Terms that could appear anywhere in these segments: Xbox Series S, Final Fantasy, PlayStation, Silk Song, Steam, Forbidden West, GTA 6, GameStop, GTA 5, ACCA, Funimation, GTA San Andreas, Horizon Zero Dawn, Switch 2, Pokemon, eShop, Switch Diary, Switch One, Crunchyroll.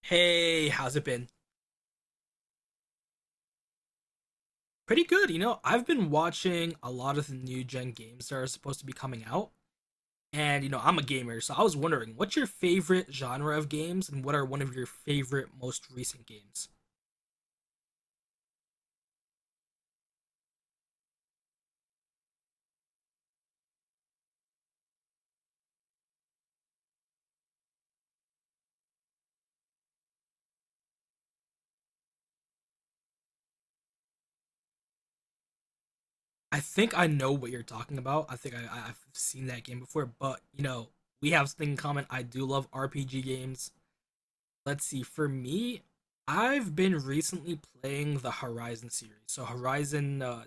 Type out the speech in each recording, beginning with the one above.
Hey, how's it been? Pretty good. I've been watching a lot of the new gen games that are supposed to be coming out, and I'm a gamer, so I was wondering, what's your favorite genre of games, and what are one of your favorite most recent games? I think I know what you're talking about. I think I've seen that game before, but we have something in common. I do love RPG games. Let's see, for me, I've been recently playing the Horizon series, so Horizon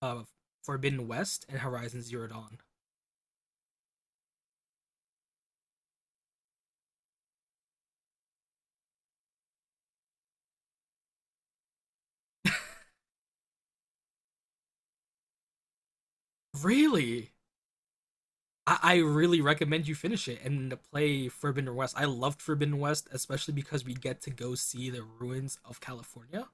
uh, Forbidden West and Horizon Zero Dawn. Really? I really recommend you finish it and play Forbidden West. I loved Forbidden West, especially because we get to go see the ruins of California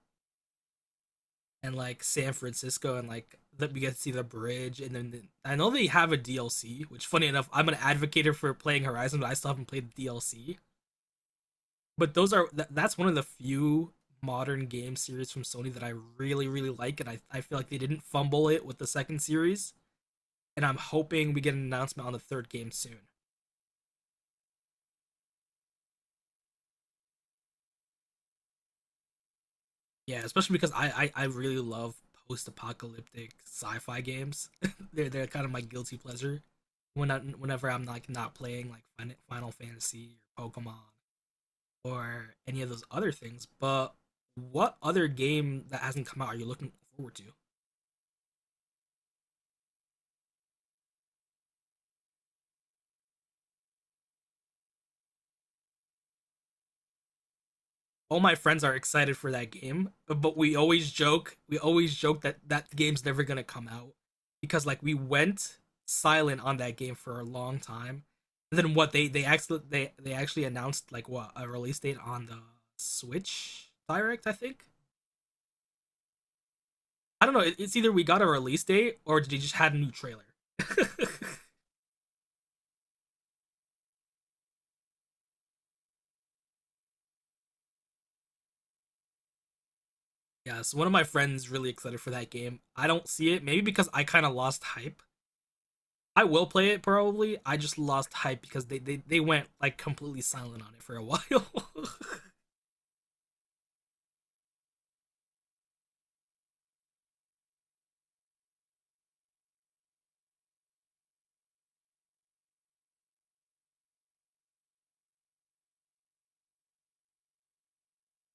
and like San Francisco, and like, that we get to see the bridge, and then I know they have a DLC, which, funny enough, I'm an advocate for playing Horizon, but I still haven't played the DLC. But that's one of the few modern game series from Sony that I really really like, and I feel like they didn't fumble it with the second series, and I'm hoping we get an announcement on the third game soon. Yeah, especially because I really love post-apocalyptic sci-fi games. They're kind of my guilty pleasure. Whenever I'm like not playing like Final Fantasy or Pokemon, or any of those other things. But what other game that hasn't come out are you looking forward to? All my friends are excited for that game, but we always joke that that game's never gonna come out because, like, we went silent on that game for a long time. And then what they actually announced like what a release date on the Switch Direct, I think. I don't know. It's either we got a release date or they just had a new trailer. Yeah, so one of my friends really excited for that game. I don't see it, maybe because I kind of lost hype. I will play it probably. I just lost hype because they went like completely silent on it for a while.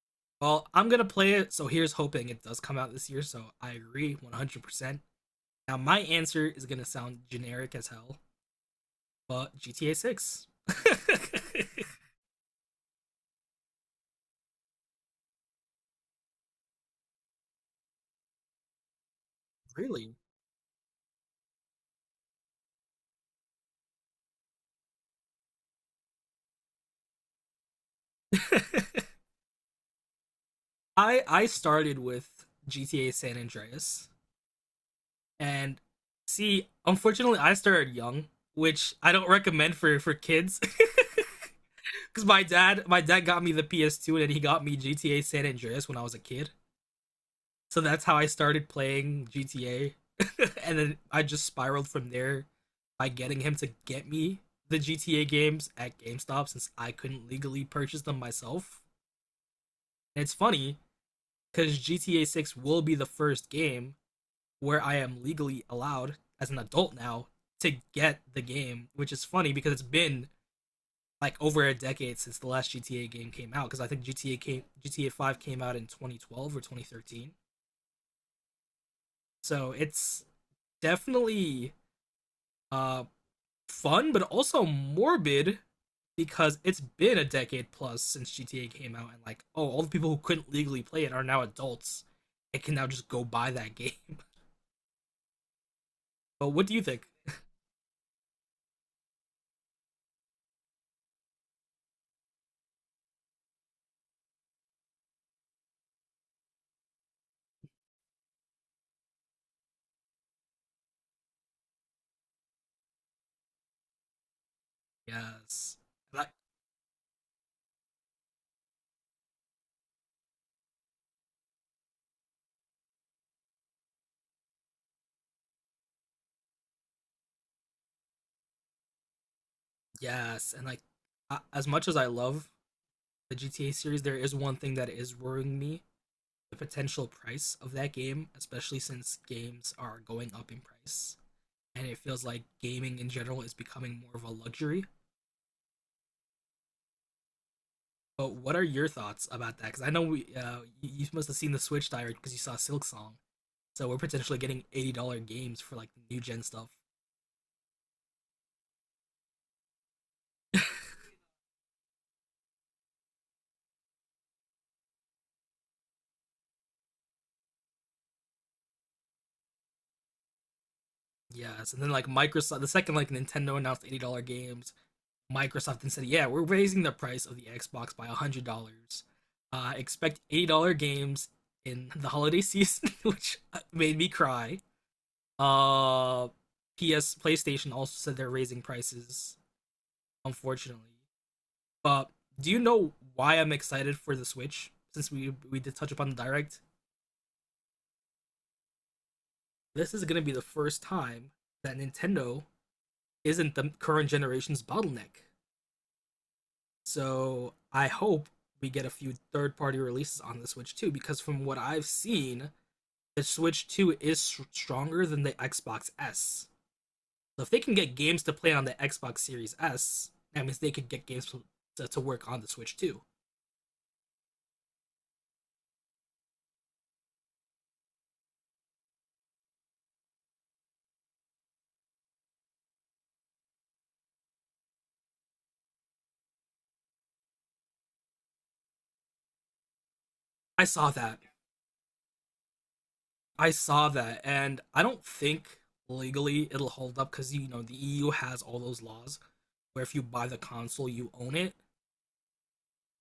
Well, I'm gonna play it, so here's hoping it does come out this year. So I agree 100% Now my answer is gonna sound generic as hell, but GTA 6. Really? I started with GTA San Andreas. And see, unfortunately, I started young, which I don't recommend for kids. Because my dad got me the PS2, and then he got me GTA San Andreas when I was a kid. So that's how I started playing GTA, and then I just spiraled from there by getting him to get me the GTA games at GameStop since I couldn't legally purchase them myself. And it's funny because GTA 6 will be the first game where I am legally allowed as an adult now to get the game, which is funny because it's been like over a decade since the last GTA game came out, because I think GTA 5 came out in 2012 or 2013. So it's definitely uh fun, but also morbid because it's been a decade plus since GTA came out, and like, oh, all the people who couldn't legally play it are now adults and can now just go buy that game. But what do you think? Yes. Like, yes, and like, as much as I love the GTA series, there is one thing that is worrying me, the potential price of that game, especially since games are going up in price. And it feels like gaming in general is becoming more of a luxury. But what are your thoughts about that? Because I know you must have seen the Switch Diary because you saw Silk Song. So we're potentially getting $80 games for like the new gen stuff. Yes, and then, like, Microsoft, the second like Nintendo announced $80 games, Microsoft and said, "Yeah, we're raising the price of the Xbox by $100. Expect $80 games in the holiday season," which made me cry. Uh, PS PlayStation also said they're raising prices, unfortunately. But do you know why I'm excited for the Switch? Since we did touch upon the direct, this is gonna be the first time that Nintendo isn't the current generation's bottleneck. So I hope we get a few third party releases on the Switch too, because from what I've seen, the Switch 2 is stronger than the Xbox S. So if they can get games to play on the Xbox Series S, that means they could get games to work on the Switch Two. I saw that. I saw that, and I don't think legally it'll hold up, because you know the EU has all those laws where if you buy the console, you own it.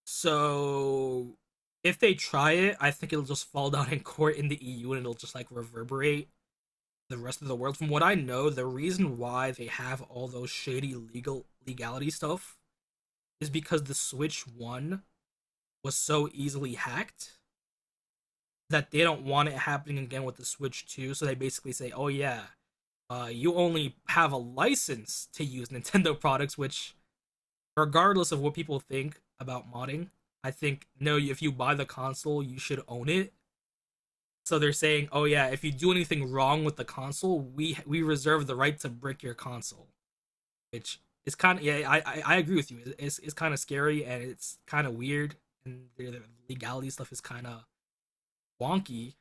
So if they try it, I think it'll just fall down in court in the EU, and it'll just like reverberate the rest of the world. From what I know, the reason why they have all those shady legality stuff is because the Switch 1 was so easily hacked that they don't want it happening again with the Switch 2. So they basically say, "Oh yeah, you only have a license to use Nintendo products," which, regardless of what people think about modding, I think no. If you buy the console, you should own it. So they're saying, "Oh yeah, if you do anything wrong with the console, we reserve the right to brick your console." Which is kind of, yeah, I agree with you. It's kind of scary, and it's kind of weird, and the legality stuff is kind of wonky.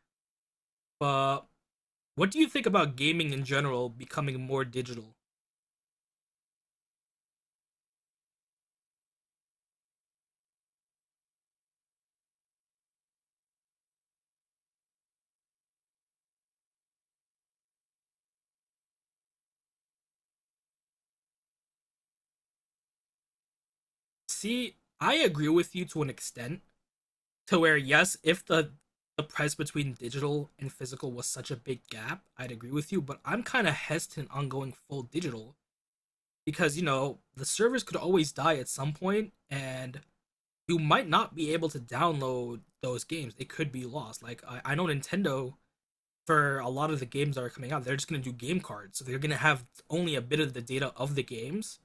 But what do you think about gaming in general becoming more digital? See, I agree with you to an extent, to where, yes, if the price between digital and physical was such a big gap, I'd agree with you, but I'm kind of hesitant on going full digital because you know the servers could always die at some point, and you might not be able to download those games. It could be lost. Like, I know, Nintendo, for a lot of the games that are coming out, they're just going to do game cards, so they're going to have only a bit of the data of the games.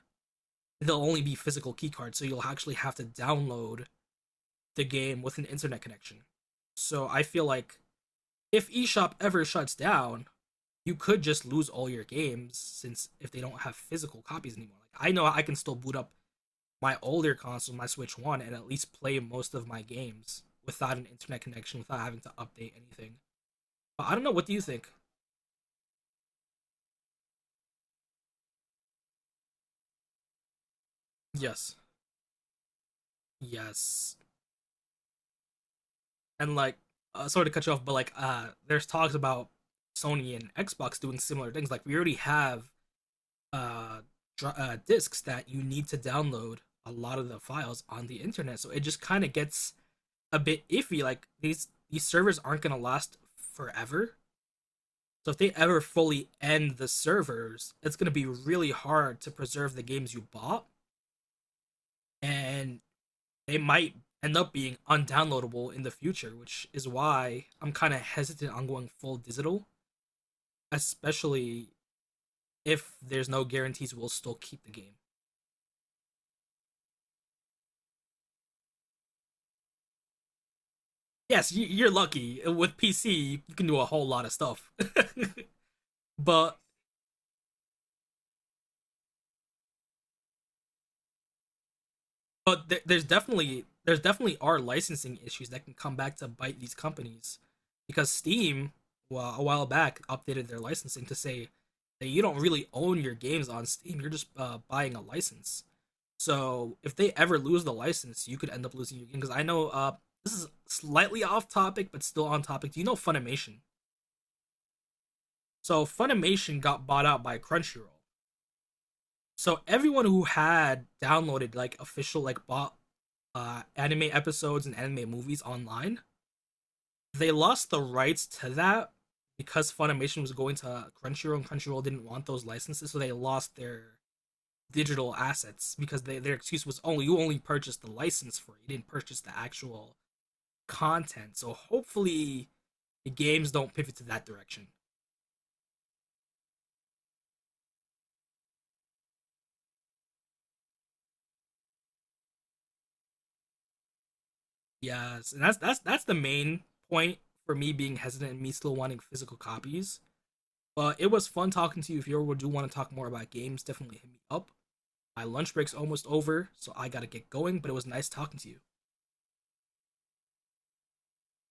They'll only be physical key cards, so you'll actually have to download the game with an internet connection. So I feel like if eshop ever shuts down, you could just lose all your games, since if they don't have physical copies anymore. Like, I know I can still boot up my older console, my Switch One, and at least play most of my games without an internet connection, without having to update anything. But I don't know. What do you think? Yes, yes, and like, sorry to cut you off, but like, there's talks about Sony and Xbox doing similar things. Like, we already have uh, discs that you need to download a lot of the files on the internet, so it just kind of gets a bit iffy. Like these servers aren't gonna last forever. So if they ever fully end the servers, it's going to be really hard to preserve the games you bought, and they might end up being undownloadable in the future, which is why I'm kind of hesitant on going full digital, especially if there's no guarantees we'll still keep the game. Yes, you're lucky. With PC, you can do a whole lot of stuff. but but there's definitely are licensing issues that can come back to bite these companies, because Steam, well, a while back updated their licensing to say that you don't really own your games on Steam. You're just buying a license. So if they ever lose the license, you could end up losing your game. Because I know, this is slightly off topic, but still on topic. Do you know Funimation? So Funimation got bought out by Crunchyroll. So everyone who had downloaded, like, official, like, bought anime episodes and anime movies online, they lost the rights to that because Funimation was going to Crunchyroll, and Crunchyroll didn't want those licenses, so they lost their digital assets, because their excuse was only you only purchased the license for it. You didn't purchase the actual content. So hopefully the games don't pivot to that direction. Yes, and that's the main point for me being hesitant and me still wanting physical copies. But it was fun talking to you. If you ever do want to talk more about games, definitely hit me up. My lunch break's almost over, so I gotta get going, but it was nice talking to you.